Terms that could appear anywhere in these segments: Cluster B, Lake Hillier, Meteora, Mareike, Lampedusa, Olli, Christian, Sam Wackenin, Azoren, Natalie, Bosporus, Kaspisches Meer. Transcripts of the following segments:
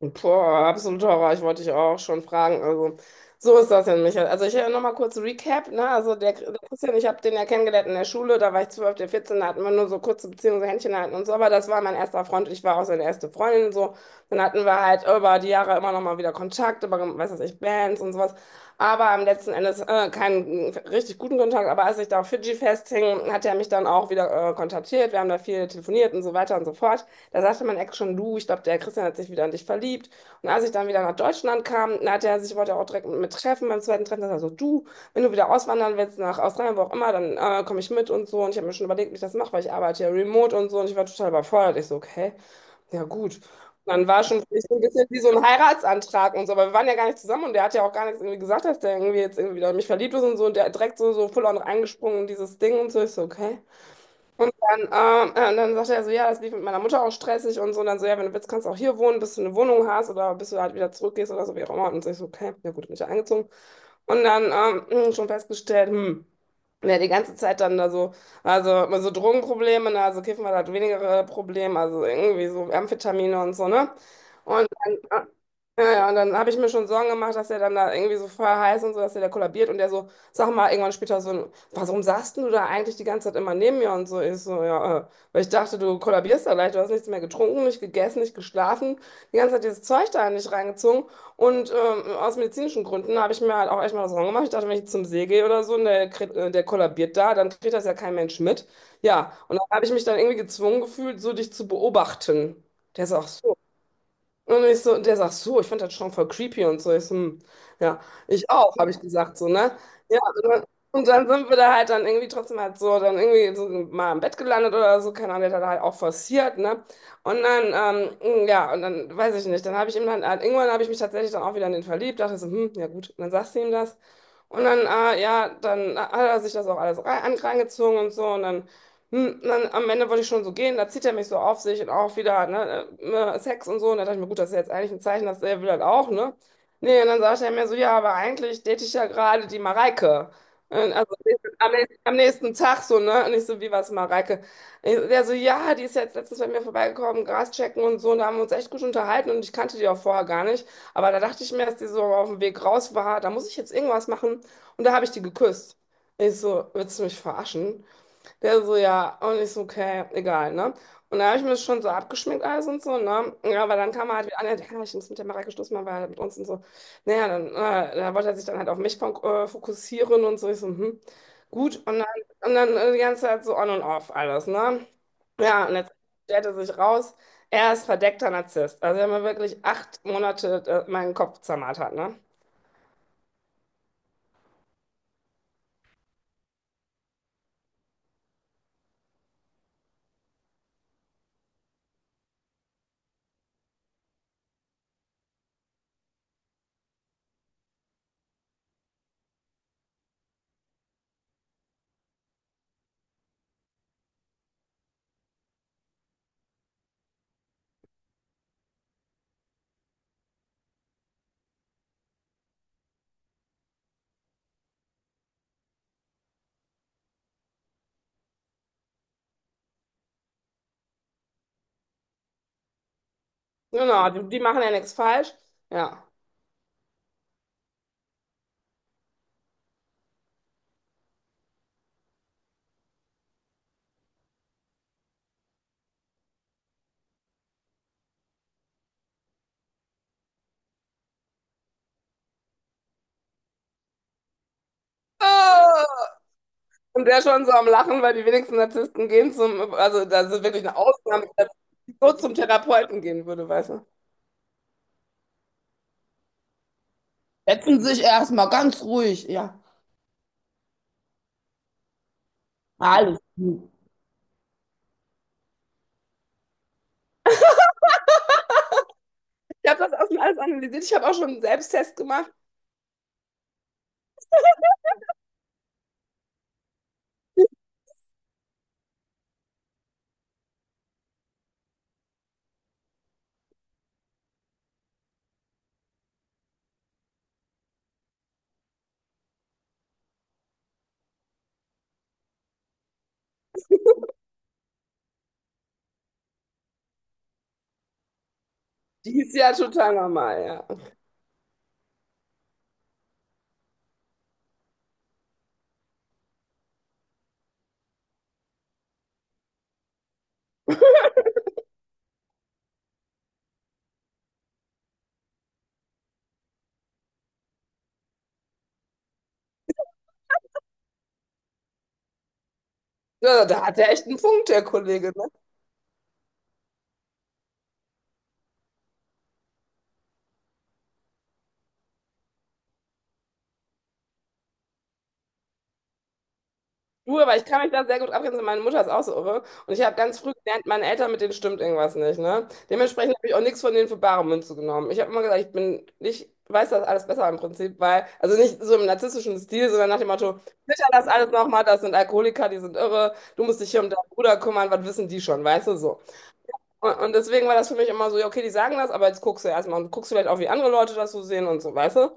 Boah, absolut Horror. Ich wollte dich auch schon fragen. Also, so ist das denn, Michael. Also, ich noch mal kurz Recap. Ne? Also, der Christian, ich habe den ja kennengelernt in der Schule. Da war ich 12, der 14. Da hatten wir nur so kurze Beziehungen, so Händchen halten und so. Aber das war mein erster Freund. Ich war auch seine erste Freundin. So. Dann hatten wir halt über die Jahre immer noch mal wieder Kontakt, über, weiß was ich, Bands und sowas. Aber am letzten Endes keinen richtig guten Kontakt. Aber als ich da auf Fidschi festhing, hat er mich dann auch wieder kontaktiert. Wir haben da viel telefoniert und so weiter und so fort. Da sagte mein Ex schon, du, ich glaube, der Christian hat sich wieder in dich verliebt. Und als ich dann wieder nach Deutschland kam, da hat er sich, wollte er auch direkt mit, mir treffen beim zweiten Treffen. Da sagt er so, du, wenn du wieder auswandern willst nach Australien, wo auch immer, dann komme ich mit und so. Und ich habe mir schon überlegt, wie ich das mache, weil ich arbeite ja remote und so. Und ich war total überfordert. Ich so, okay, ja gut. Und dann war schon für mich so ein bisschen wie so ein Heiratsantrag und so. Aber wir waren ja gar nicht zusammen und der hat ja auch gar nichts irgendwie gesagt, dass der irgendwie jetzt irgendwie wieder in mich verliebt ist und so. Und der hat direkt so, so full on reingesprungen in dieses Ding und so. Ich so, okay. Dann, dann sagt er so, ja, das lief mit meiner Mutter auch stressig und so. Und dann so, ja, wenn du willst, kannst du auch hier wohnen, bis du eine Wohnung hast oder bis du halt wieder zurückgehst oder so, wie auch immer. Und ich so, okay, ja gut, bin ich ja eingezogen. Und dann schon festgestellt, wer die ganze Zeit dann da so, also immer so Drogenprobleme, ne? Also Kiffen war halt weniger Problem, also irgendwie so Amphetamine und so, ne? Und dann, ja, ja, und dann habe ich mir schon Sorgen gemacht, dass er dann da irgendwie so voll heiß und so, dass er da kollabiert und der so, sag mal, irgendwann später so, warum saßt denn du da eigentlich die ganze Zeit immer neben mir und so? Ich so, ja, weil ich dachte, du kollabierst da leicht, du hast nichts mehr getrunken, nicht gegessen, nicht geschlafen, die ganze Zeit dieses Zeug da nicht reingezogen. Und aus medizinischen Gründen habe ich mir halt auch echt mal das Sorgen gemacht. Ich dachte, wenn ich jetzt zum See gehe oder so und der, der kollabiert da, dann kriegt das ja kein Mensch mit. Ja, und dann habe ich mich dann irgendwie gezwungen gefühlt, so dich zu beobachten. Der ist auch so. Und ich so, und der sagt so, ich fand das schon voll creepy und so. Ich so, hm, ja, ich auch, habe ich gesagt, so, ne? Ja, und dann sind wir da halt dann irgendwie trotzdem halt so, dann irgendwie so mal im Bett gelandet oder so, keine Ahnung, der hat da halt auch forciert, ne? Und dann, ja, und dann weiß ich nicht, dann habe ich ihm dann, halt, irgendwann habe ich mich tatsächlich dann auch wieder in den verliebt, dachte so, hm, ja gut, und dann sagst du ihm das. Und dann, ja, dann hat er sich das auch alles rein, angezogen und so, und dann und dann am Ende wollte ich schon so gehen, da zieht er mich so auf sich und auch wieder, ne, Sex und so. Und da dachte ich mir, gut, das ist ja jetzt eigentlich ein Zeichen, dass er will das auch, ne? Nee, und dann sagte er mir so, ja, aber eigentlich date ich ja gerade die Mareike. Und also am nächsten Tag so, ne? Und ich so, wie was, Mareike? Ich, der so, ja, die ist jetzt letztens bei mir vorbeigekommen, Gras checken und so. Und da haben wir uns echt gut unterhalten und ich kannte die auch vorher gar nicht. Aber da dachte ich mir, dass die so auf dem Weg raus war, da muss ich jetzt irgendwas machen. Und da habe ich die geküsst. Ich so, willst du mich verarschen? Der so, ja, und ich so, okay, egal, ne? Und da habe ich mir das schon so abgeschminkt alles und so, ne? Ja, aber dann kam er halt wieder an, ja, ja, ich muss mit der Mareike Schluss machen, weil er mit uns und so. Naja, dann, da wollte er sich dann halt auf mich fokussieren und so. Ich so, hm, gut. Und dann die ganze Zeit so on und off alles, ne? Ja, und jetzt stellt er sich raus, er ist verdeckter Narzisst. Also er hat mir wirklich 8 Monate meinen Kopf zermartert, ne? Genau, die machen ja nichts falsch. Ja. Und der schon so am Lachen, weil die wenigsten Narzissten gehen zum, also da ist wirklich eine Ausnahme, die so zum Therapeuten gehen würde, weißt du. Setzen sich erstmal ganz ruhig, ja. Alles gut. Ich habe das auch schon alles analysiert. Ich habe auch schon einen Selbsttest gemacht. Die ist ja total normal, ja. Ja, da hat er echt einen Punkt, der Kollege, ne? Du, aber ich kann mich da sehr gut abgrenzen. Meine Mutter ist auch so irre. Und ich habe ganz früh gelernt, meine Eltern, mit denen stimmt irgendwas nicht. Ne? Dementsprechend habe ich auch nichts von denen für bare Münze genommen. Ich habe immer gesagt, ich bin, ich weiß das alles besser im Prinzip, weil, also nicht so im narzisstischen Stil, sondern nach dem Motto, sicher das alles nochmal, das sind Alkoholiker, die sind irre, du musst dich hier um deinen Bruder kümmern, was wissen die schon, weißt du so. Und deswegen war das für mich immer so, ja, okay, die sagen das, aber jetzt guckst du erstmal und guckst vielleicht auch, wie andere Leute das so sehen und so, weißt du?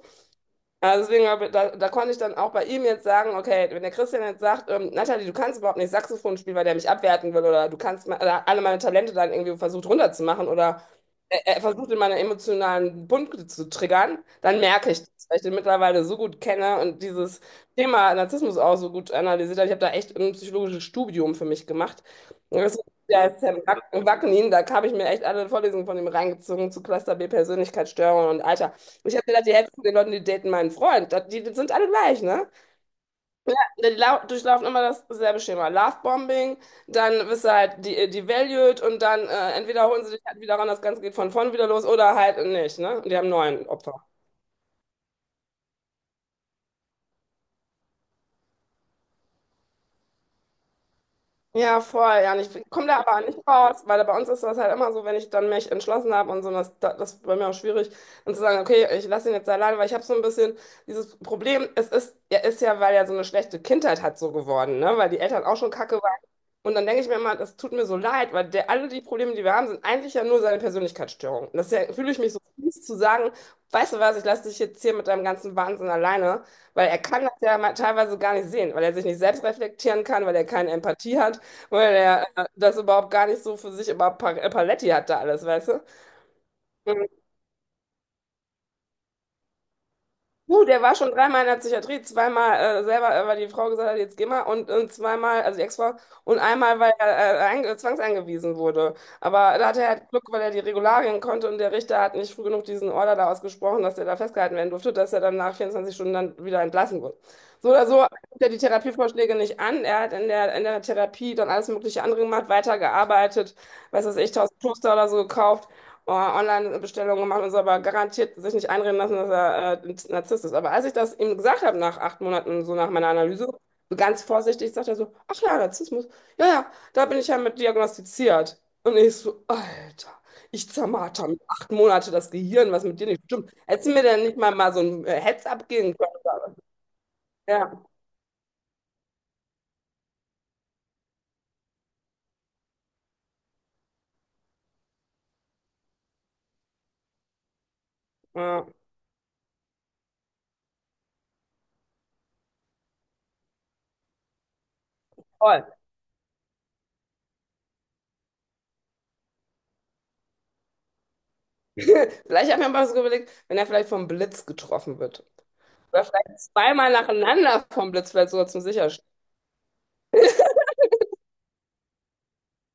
Also deswegen, da konnte ich dann auch bei ihm jetzt sagen, okay, wenn der Christian jetzt sagt, Natalie, du kannst überhaupt nicht Saxophon spielen, weil der mich abwerten will oder du kannst oder alle meine Talente dann irgendwie versucht runterzumachen oder er versucht in meiner emotionalen Punkte zu triggern, dann merke ich das, weil ich den mittlerweile so gut kenne und dieses Thema Narzissmus auch so gut analysiert habe. Ich habe da echt ein psychologisches Studium für mich gemacht. Und das, der ist Sam Wackenin, da habe ich mir echt alle Vorlesungen von ihm reingezogen zu Cluster B Persönlichkeitsstörungen und Alter. Ich habe gedacht, die Hälfte von den Leuten, die daten meinen Freund, das- die, die sind alle gleich, ne? Die durchlaufen immer dasselbe Schema. Lovebombing, dann wirst du halt devalued und dann entweder holen sie dich halt wieder ran, das Ganze geht von vorn wieder los oder halt nicht, ne? Und die haben 9 Opfer. Ja, voll, ja. Und ich komme da aber nicht raus, weil bei uns ist das halt immer so, wenn ich dann mich entschlossen habe und so, das ist bei mir auch schwierig, dann zu sagen, okay, ich lasse ihn jetzt alleine, weil ich habe so ein bisschen dieses Problem, es ist, er ist ja, weil er so eine schlechte Kindheit hat, so geworden, ne? Weil die Eltern auch schon kacke waren. Und dann denke ich mir immer, das tut mir so leid, weil der, alle die Probleme, die wir haben, sind eigentlich ja nur seine Persönlichkeitsstörung. Und das ist ja, fühle ich mich so fies zu sagen, weißt du was, ich lasse dich jetzt hier mit deinem ganzen Wahnsinn alleine, weil er kann das ja mal teilweise gar nicht sehen, weil er sich nicht selbst reflektieren kann, weil er keine Empathie hat. Weil er das überhaupt gar nicht so für sich immer Paletti hatte alles, weißt du? Der war schon dreimal in der Psychiatrie, zweimal selber, weil die Frau gesagt hat, jetzt geh mal und zweimal, also die Ex-Frau, und einmal, weil er zwangseingewiesen wurde. Aber da hatte er halt Glück, weil er die Regularien konnte und der Richter hat nicht früh genug diesen Order da ausgesprochen, dass er da festgehalten werden durfte, dass er dann nach 24 Stunden dann wieder entlassen wurde. So oder so nimmt er die Therapievorschläge nicht an. Er hat in der Therapie dann alles mögliche andere gemacht, weitergearbeitet, weiß was ich, 1000 Toaster oder so gekauft, oh, Online-Bestellungen gemacht und so, aber garantiert sich nicht einreden lassen, dass er Narzisst ist. Aber als ich das ihm gesagt habe, nach 8 Monaten, so nach meiner Analyse, so ganz vorsichtig, sagt er so, ach ja, Narzissmus, ja, ja, da bin ich ja mit diagnostiziert. Und ich so, Alter, ich zermarter mit 8 Monate das Gehirn, was mit dir nicht stimmt. Hättest du mir denn nicht mal so ein Heads-up geben können? Ja, ja, voll. Vielleicht habe ich mir mal so überlegt, wenn er vielleicht vom Blitz getroffen wird. Oder vielleicht zweimal nacheinander vom Blitz, vielleicht sogar zum Sicherstellen.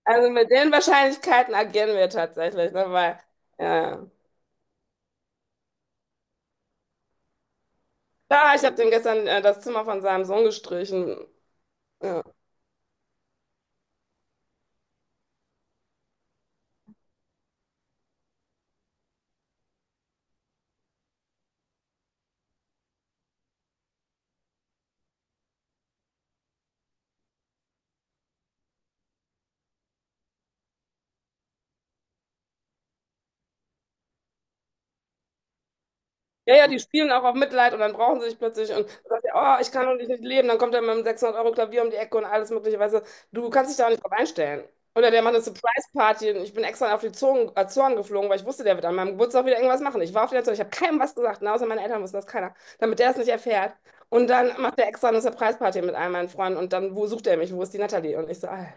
Also mit den Wahrscheinlichkeiten agieren wir tatsächlich, ne? Weil, ja. Ja, ich habe dem gestern das Zimmer von seinem Sohn gestrichen. Ja. Ja, ja, die spielen auch auf Mitleid und dann brauchen sie sich plötzlich und du sagst ja, oh, ich kann doch nicht leben. Dann kommt er mit einem 600-Euro-Klavier um die Ecke und alles Mögliche. Weißt du, du kannst dich da nicht drauf einstellen. Oder der macht eine Surprise-Party und ich bin extra auf die Zonen Azoren geflogen, weil ich wusste, der wird an meinem Geburtstag wieder irgendwas machen. Ich war auf den Azoren, ich habe keinem was gesagt, na, außer meine Eltern wussten das keiner, damit der es nicht erfährt. Und dann macht er extra eine Surprise-Party mit all meinen Freunden und dann, wo sucht er mich? Wo ist die Natalie? Und ich so, Alter.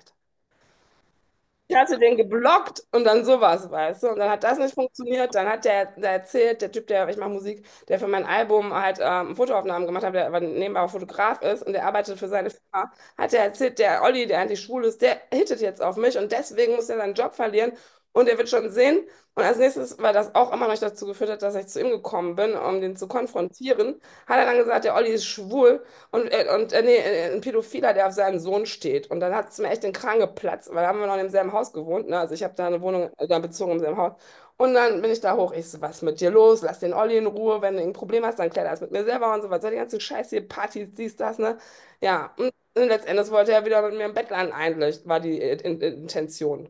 Ich hatte den geblockt und dann sowas, weißt du? Und dann hat das nicht funktioniert. Dann hat der, der erzählt, der Typ, der, ich mache Musik, der für mein Album halt Fotoaufnahmen gemacht hat, der aber nebenbei auch Fotograf ist und der arbeitet für seine Firma, hat der erzählt, der Olli, der eigentlich schwul ist, der hittet jetzt auf mich und deswegen muss er seinen Job verlieren und er wird schon sehen. Und als nächstes, weil das auch immer noch dazu geführt hat, dass ich zu ihm gekommen bin, um den zu konfrontieren, hat er dann gesagt, der Olli ist schwul und, nee, ein Pädophiler, der auf seinen Sohn steht. Und dann hat es mir echt den Kragen geplatzt, weil da haben wir noch im selben Haus gewohnt. Ne? Also ich habe da eine Wohnung da bezogen im selben Haus. Und dann bin ich da hoch. Ich so, was ist mit dir los? Lass den Olli in Ruhe. Wenn du ein Problem hast, dann klär das mit mir selber und so was. So die ganze Scheiße hier, Partys, dies, das, ne? Ja, und letztendlich wollte er wieder mit mir im Bett landen, eigentlich, war die Intention.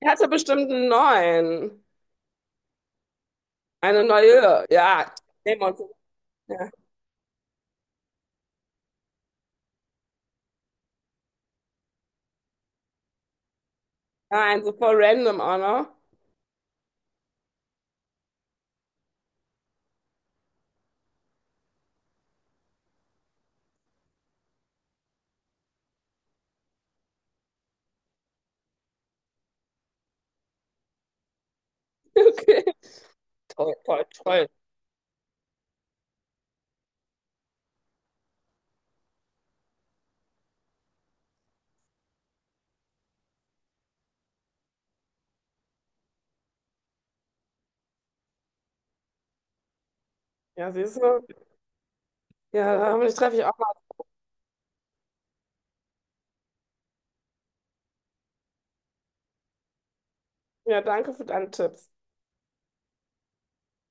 Er hatte bestimmt einen neuen. Eine neue. Ja, nehmen wir uns. Ja. Nein, so voll random auch noch. Okay. Toll, toll, toll. Ja, siehst du? Ja, hoffentlich treffe ich auch mal. Ja, danke für deine Tipps.